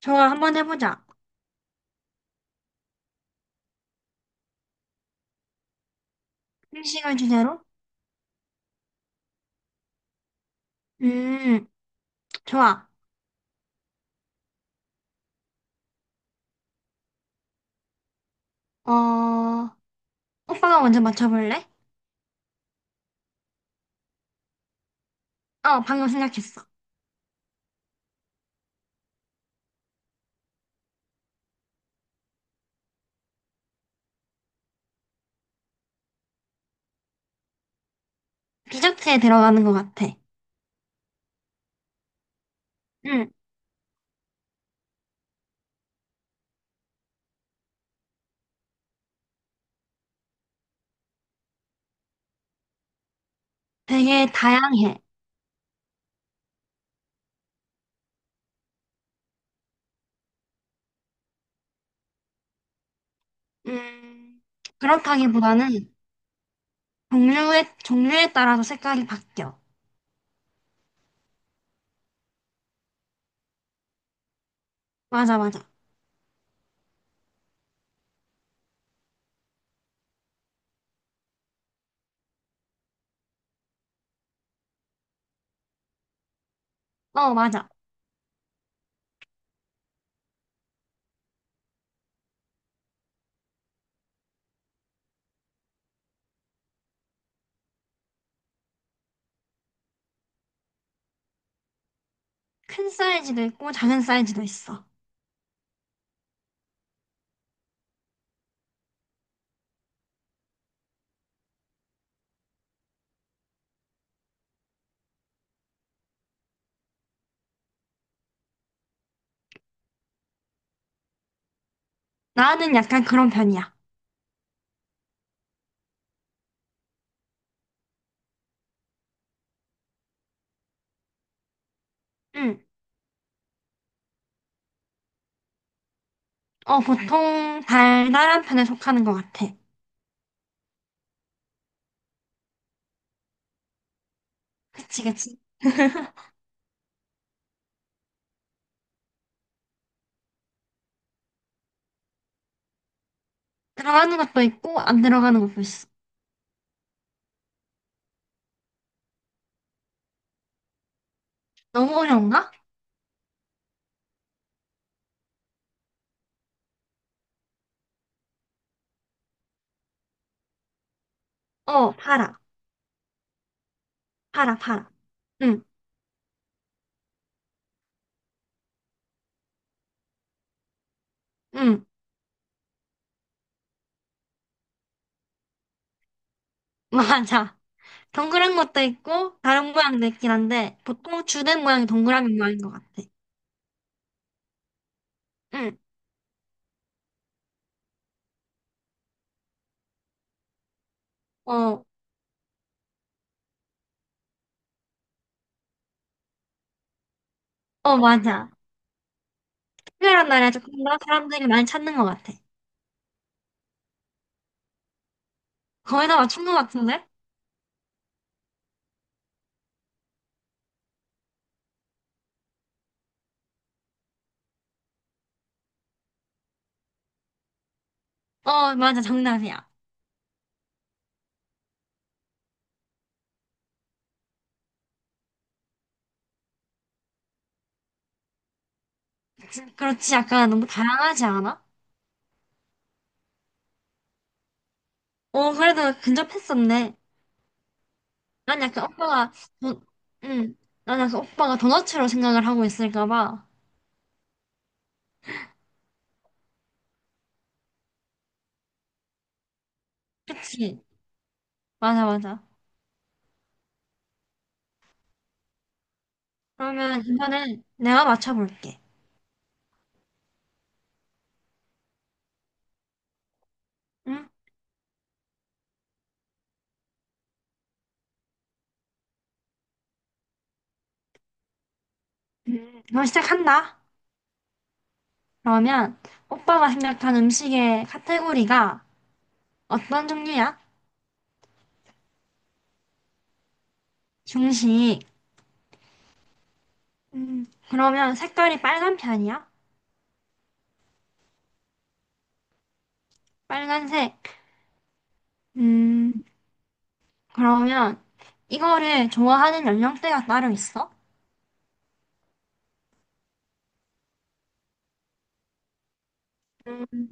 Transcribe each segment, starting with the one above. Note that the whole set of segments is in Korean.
좋아, 한번 해보자. 생식을 주제로? 음, 좋아. 어, 오빠가 먼저 맞춰볼래? 어, 방금 생각했어. 디저트에 들어가는 것 같아. 음, 되게 다양해. 음, 그렇다기보다는 종류에 따라서 색깔이 바뀌어. 맞아, 맞아. 어, 맞아. 큰 사이즈도 있고 작은 사이즈도 있어. 나는 약간 그런 편이야. 음, 어, 보통 달달한 편에 속하는 것 같아. 그치, 그치. 들어가는 것도 있고 안 들어가는 것도 있어. 너무 어려운가? 어, 파라. 파라, 파라. 응, 응, 맞아. 동그란 것도 있고 다른 모양도 있긴 한데 보통 주된 모양이 동그라미 모양인 것 같아. 응, 어, 어, 맞아. 특별한 날에 조금 더 사람들이 많이 찾는 것 같아. 거의 다 맞춘 것 같은데? 어, 맞아, 정답이야. 지- 그렇지, 약간 너무 다양하지 않아? 어, 그래도 근접했었네. 난 약간 오빠가, 도- 응, 난 약간 오빠가 도너츠로 생각을 하고 있을까 봐. 그치. 맞아, 맞아. 그러면 이번엔 내가 맞춰볼게. 응? 그럼 시작한다. 그러면 오빠가 생각한 음식의 카테고리가 어떤 종류야? 중식. 그러면 색깔이 빨간 편이야? 빨간색. 음, 그러면 이거를 좋아하는 연령대가 따로 있어? 음.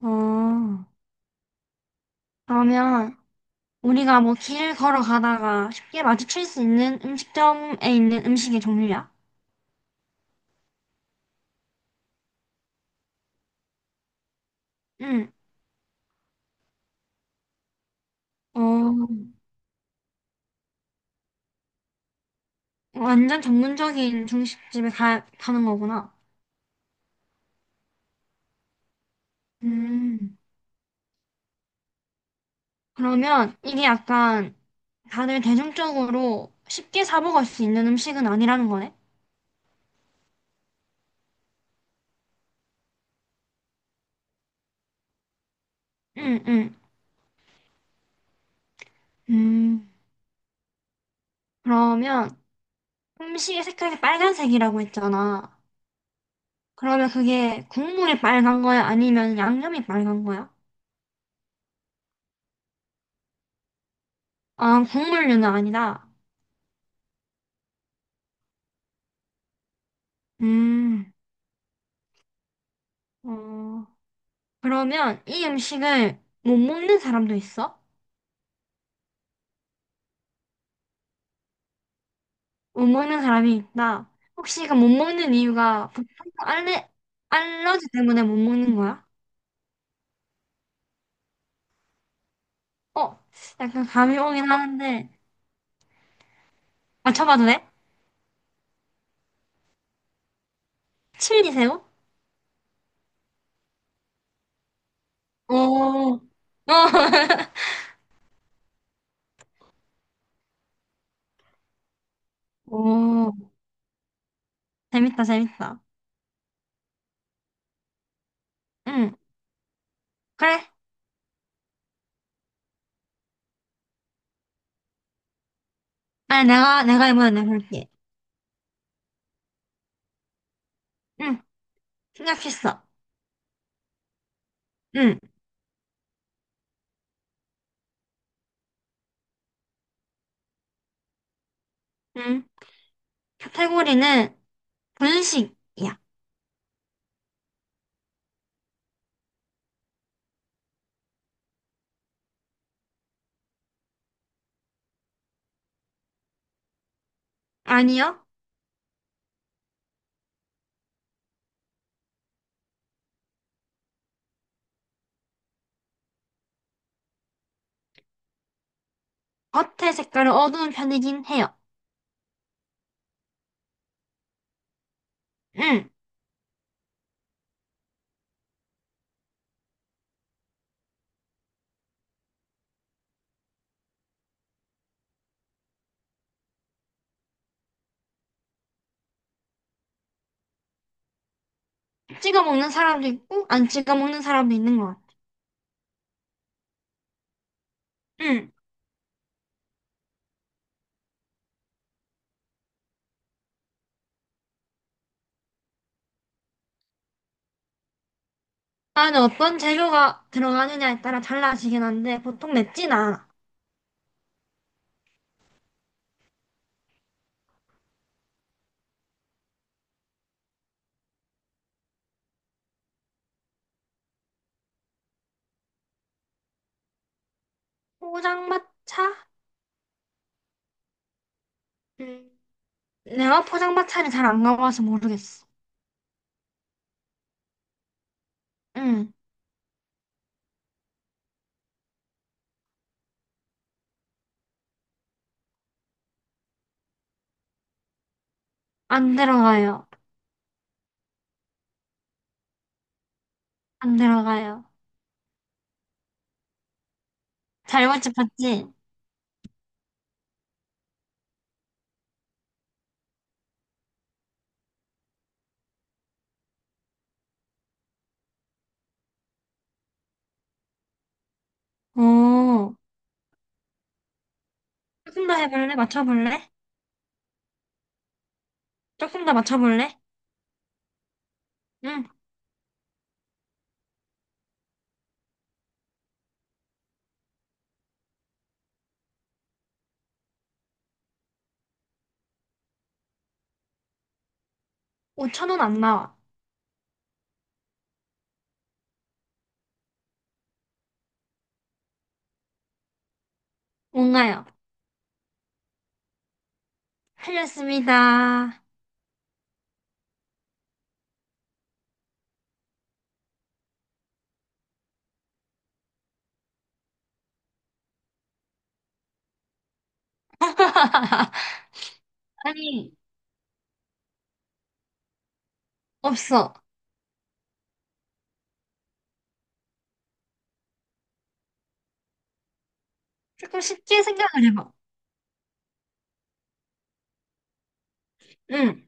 어, 그러면 우리가 뭐 길 걸어가다가 쉽게 마주칠 수 있는 음식점에 있는 음식의 종류야? 응. 어, 완전 전문적인 중식집에 가는 거구나. 음. 그러면 이게 약간 다들 대중적으로 쉽게 사 먹을 수 있는 음식은 아니라는 거네? 응, 응. 음. 그러면 음식의 색깔이 빨간색이라고 했잖아. 그러면 그게 국물이 빨간 거야? 아니면 양념이 빨간 거야? 아, 국물류는 아니다. 음. 어. 그러면 이 음식을 못 먹는 사람도 있어? 못 먹는 사람이 있다. 혹시 이거 못 먹는 이유가 보통 알레, 알러지 때문에 못 먹는 거야? 어, 약간 감이 오긴 하는데. 맞춰봐도 돼? 칠리새우? 오, 오 오, 재밌다, 재밌다. 응, 그래. 아니, 내가 이번에 내볼게. 응, 생각했어. 응, 응. 카테고리는 분식이야. 아니요. 겉의 색깔은 어두운 편이긴 해요. 응. 찍어 먹는 사람도 있고 안 찍어 먹는 사람도 있는 것 같아. 응. 안에 어떤 재료가 들어가느냐에 따라 달라지긴 한데 보통 맵진 않아. 포장마차? 음. 내가 포장마차를 잘 안 가봐서 모르겠어. 응. 안 들어가요. 안 들어가요. 잘 맞춰봤지? 오. 조금 더 해볼래? 맞춰볼래? 조금 더 맞춰볼래? 응. 5천 원 안 나와. 뭔가요? 틀렸습니다. 아니, 없어. 조금 쉽게 생각을 해봐. 응.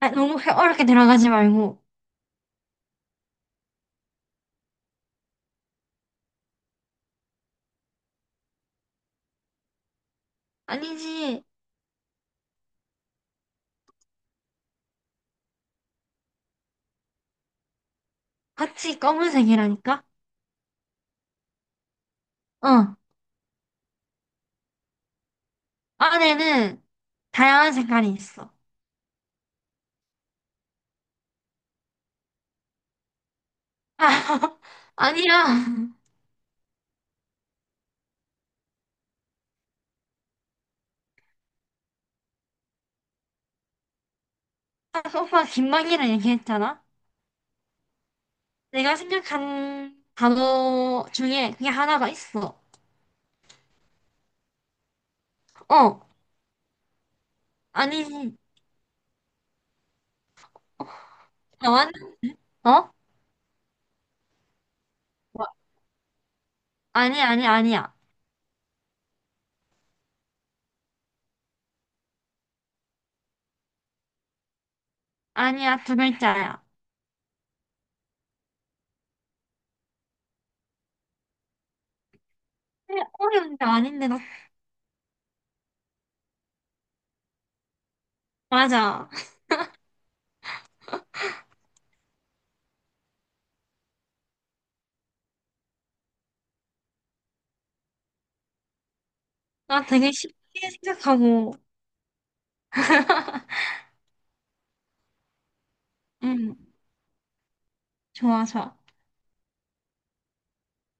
아, 너무 어렵게 들어가지 말고. 아니지. 같이 검은색이라니까? 어. 안에는 다양한 색깔이 있어. 아, 아니야. 아까 오빠가 긴막이라 얘기했잖아? 내가 생각한 단어 중에 그게 하나가 있어. 어. 아니지. 어? 완- 어? 뭐, 아니, 아니, 아니야. 아니야, 두 글자야. 그래, 어려운 게 아닌데, 너. 맞아. 나 되게 쉽게 생각하고. 응. 좋아, 좋아.